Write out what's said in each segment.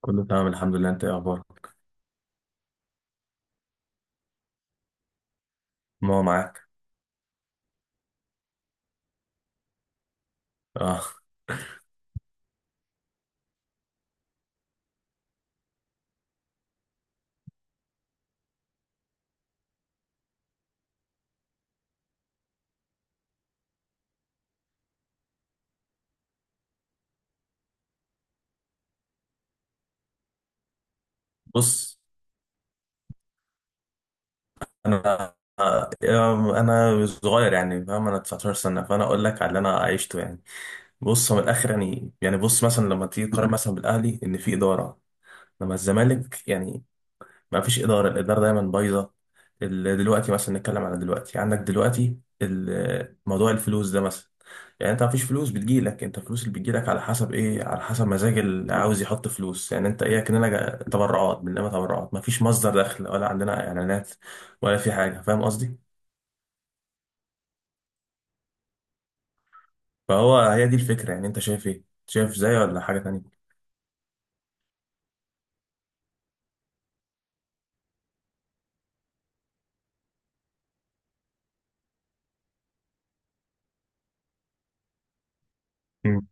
كله تمام الحمد لله. انت ايه اخبارك؟ ما هو معاك. اه، بص، انا آه، انا صغير يعني، فاهم انا 19 سنه، فانا اقول لك على اللي انا عشته يعني. بص، هو من الاخر، يعني بص، مثلا لما تيجي تقارن مثلا بالاهلي، ان في اداره. لما الزمالك يعني ما فيش اداره، الاداره دايما بايظه. دلوقتي مثلا نتكلم على دلوقتي، عندك دلوقتي موضوع الفلوس ده مثلا. يعني انت مفيش فلوس بتجيلك، انت الفلوس اللي بتجيلك على حسب ايه؟ على حسب مزاج اللي عاوز يحط فلوس. يعني انت ايه؟ كأننا تبرعات، بنلم تبرعات، مفيش مصدر دخل، ولا عندنا اعلانات، ولا في حاجة. فاهم قصدي؟ فهو هي دي الفكرة. يعني انت شايف ايه؟ شايف زي ولا حاجة تانية؟ مم.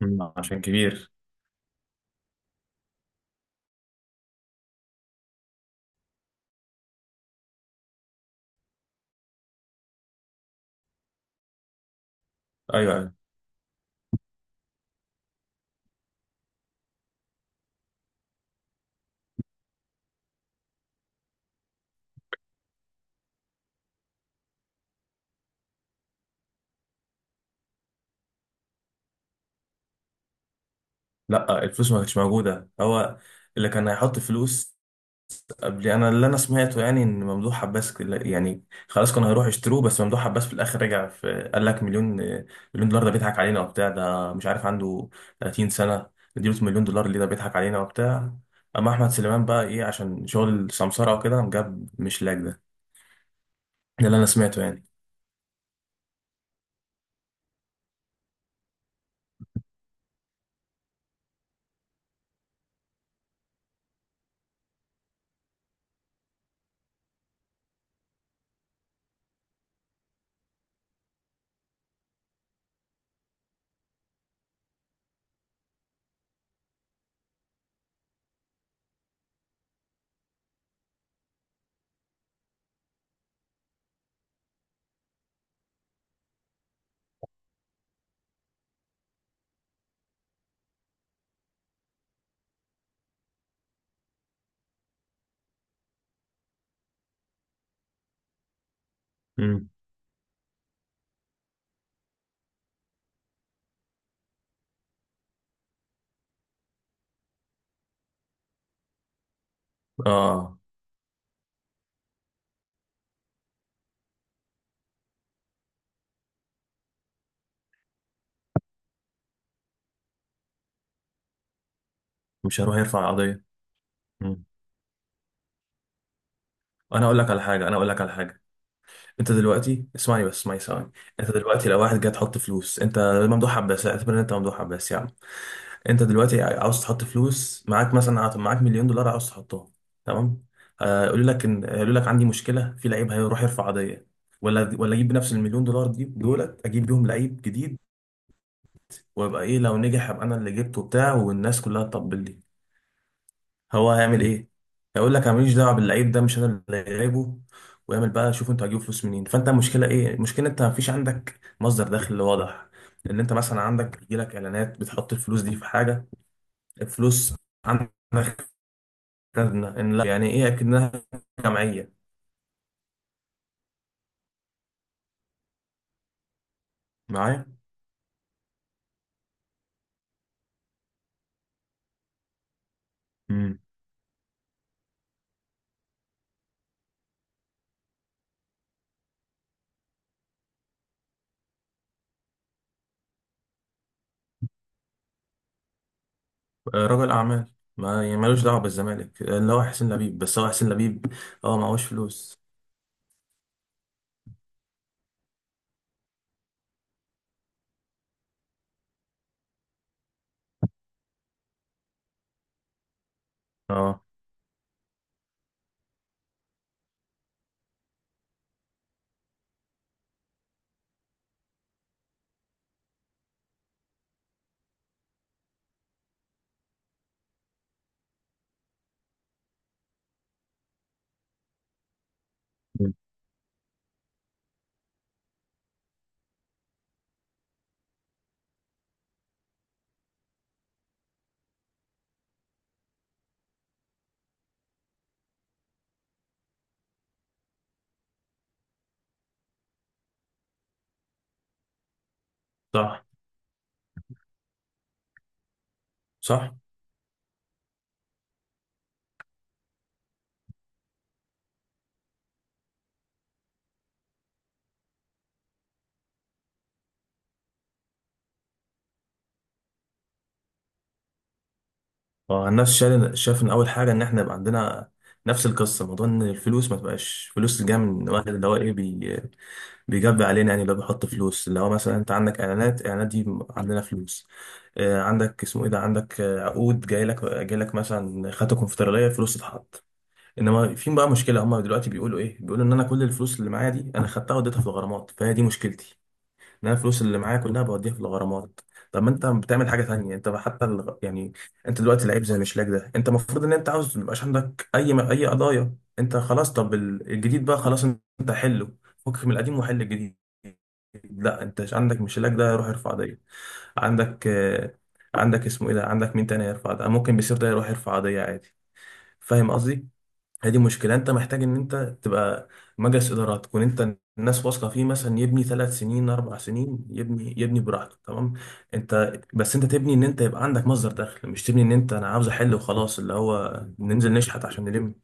مم. عشان كبير. ايوه، ايوه. لا، الفلوس ما كانتش موجودة، هو اللي كان هيحط فلوس قبل. انا اللي انا سمعته يعني، ان ممدوح عباس يعني خلاص كانوا هيروحوا يشتروه، بس ممدوح عباس في الاخر رجع في، قال لك مليون. مليون دولار ده بيضحك علينا وبتاع، ده مش عارف، عنده 30 سنه نديله مليون دولار؟ اللي ده بيضحك علينا وبتاع. اما احمد سليمان بقى، ايه؟ عشان شغل سمسره وكده، قام جاب مش لاج ده. ده اللي انا سمعته يعني. امم. اه، مش هيروح يرفع قضيه. امم. انا اقول لك على حاجه. انت دلوقتي اسمعني بس، اسمعني ثواني. انت دلوقتي لو واحد جاي تحط فلوس، انت ممدوح عباس، اعتبر ان انت ممدوح عباس يعني. انت دلوقتي عاوز تحط فلوس معاك، مثلا معاك مليون دولار، عاوز تحطهم. تمام؟ يقولوا لك عندي مشكله في لعيب، هيروح يرفع قضيه. ولا اجيب بنفس المليون دولار دي، دولت اجيب بيهم لعيب جديد، وابقى ايه؟ لو نجح، ابقى انا اللي جبته بتاع، والناس كلها تطبل لي. هو هيعمل ايه؟ هيقول لك انا ماليش دعوه باللعيب ده، مش انا اللي جايبه، ويعمل بقى شوف انتوا هتجيبوا فلوس منين. فانت المشكله ايه؟ المشكله انت مفيش عندك مصدر دخل واضح، ان انت مثلا عندك يجيلك اعلانات، بتحط الفلوس دي في حاجه. الفلوس عندك. أكدنا إن لا، يعني إيه أكدناها؟ جمعية؟ معايا. امم. رجل أعمال، ما يعني ملوش دعوة بالزمالك، اللي هو حسين لبيب، بس هو حسين لبيب أه معهوش فلوس. أه. مم. صح. صح. اه، الناس شاف ان اول حاجه ان احنا يبقى عندنا نفس القصه، موضوع ان الفلوس ما تبقاش فلوس جايه من واحد، اللي هو ايه، بي بيجب علينا، يعني اللي هو بيحط فلوس. اللي هو مثلا انت عندك اعلانات، اعلانات دي عندنا فلوس. عندك اسمه ايه ده، عندك عقود، جاي لك مثلا خدت كونفدراليه، فلوس تتحط. انما في بقى مشكله، هم دلوقتي بيقولوا ايه؟ بيقولوا ان انا كل الفلوس اللي معايا دي انا خدتها وديتها في الغرامات، فهي دي مشكلتي. ان انا الفلوس اللي معايا كلها بوديها في الغرامات. طب ما انت بتعمل حاجه تانية، انت بقى حتى يعني، انت دلوقتي لعيب زي مشلاك ده، انت المفروض ان انت عاوز ما يبقاش عندك اي اي قضايا، انت خلاص. طب الجديد بقى خلاص، انت حله، فك من القديم وحل الجديد. لا، انت عندك مشلاك ده يروح يرفع قضيه، عندك عندك اسمه ايه ده، عندك مين تاني يرفع، ده ممكن بيصير ده يروح يرفع قضيه عادي. فاهم قصدي؟ هي دي مشكلة. انت محتاج ان انت تبقى مجلس ادارات، تكون انت الناس واثقة فيه، مثلا يبني ثلاث سنين، اربع سنين، يبني براحته. تمام. انت بس انت تبني ان انت يبقى عندك مصدر دخل، مش تبني ان انت، انا عاوز احل وخلاص، اللي هو ننزل نشحت عشان نلم.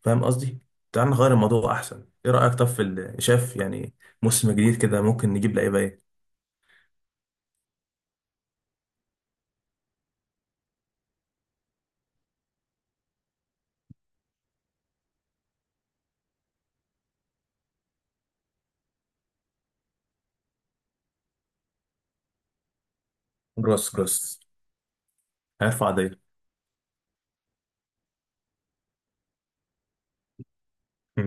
فاهم قصدي؟ تعال نغير الموضوع احسن. ايه رأيك طب في شايف يعني موسم جديد كده ممكن نجيب لعيبة ايه؟ جروس، جروس هيرفع دايرة. مم.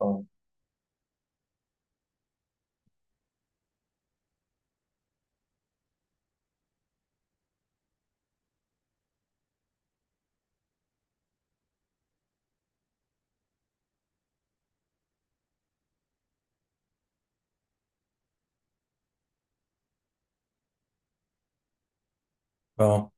اه. اه.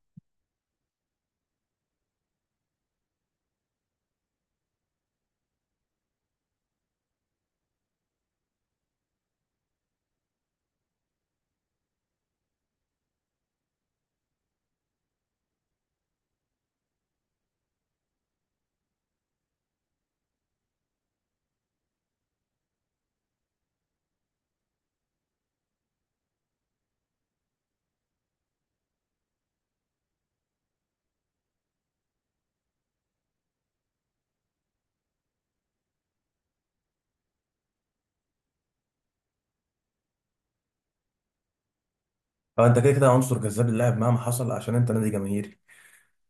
فانت كده كده عنصر جذاب اللاعب مهما حصل، عشان انت نادي جماهيري،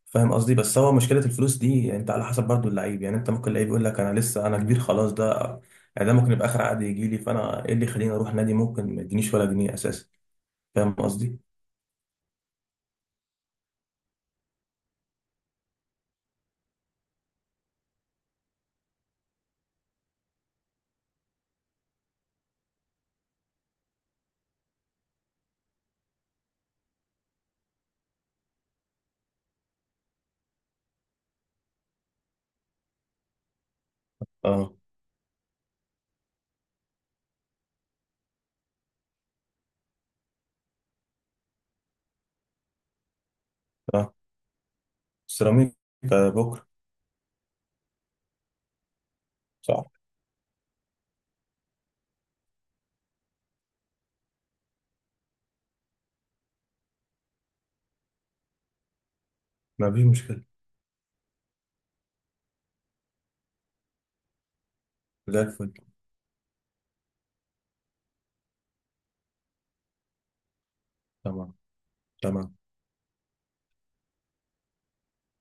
فاهم قصدي؟ بس هو مشكله الفلوس دي، يعني انت على حسب برضو اللعيب. يعني انت ممكن لعيب يقول لك انا لسه انا كبير خلاص ده، يعني ده ممكن يبقى اخر عقد يجي لي، فانا ايه اللي يخليني اروح نادي ممكن ما يدينيش ولا جنيه اساسا؟ فاهم قصدي؟ اه. اه. سيراميكا بكره. صح. ما فيش مشكله. زي الفل. تمام. تمام.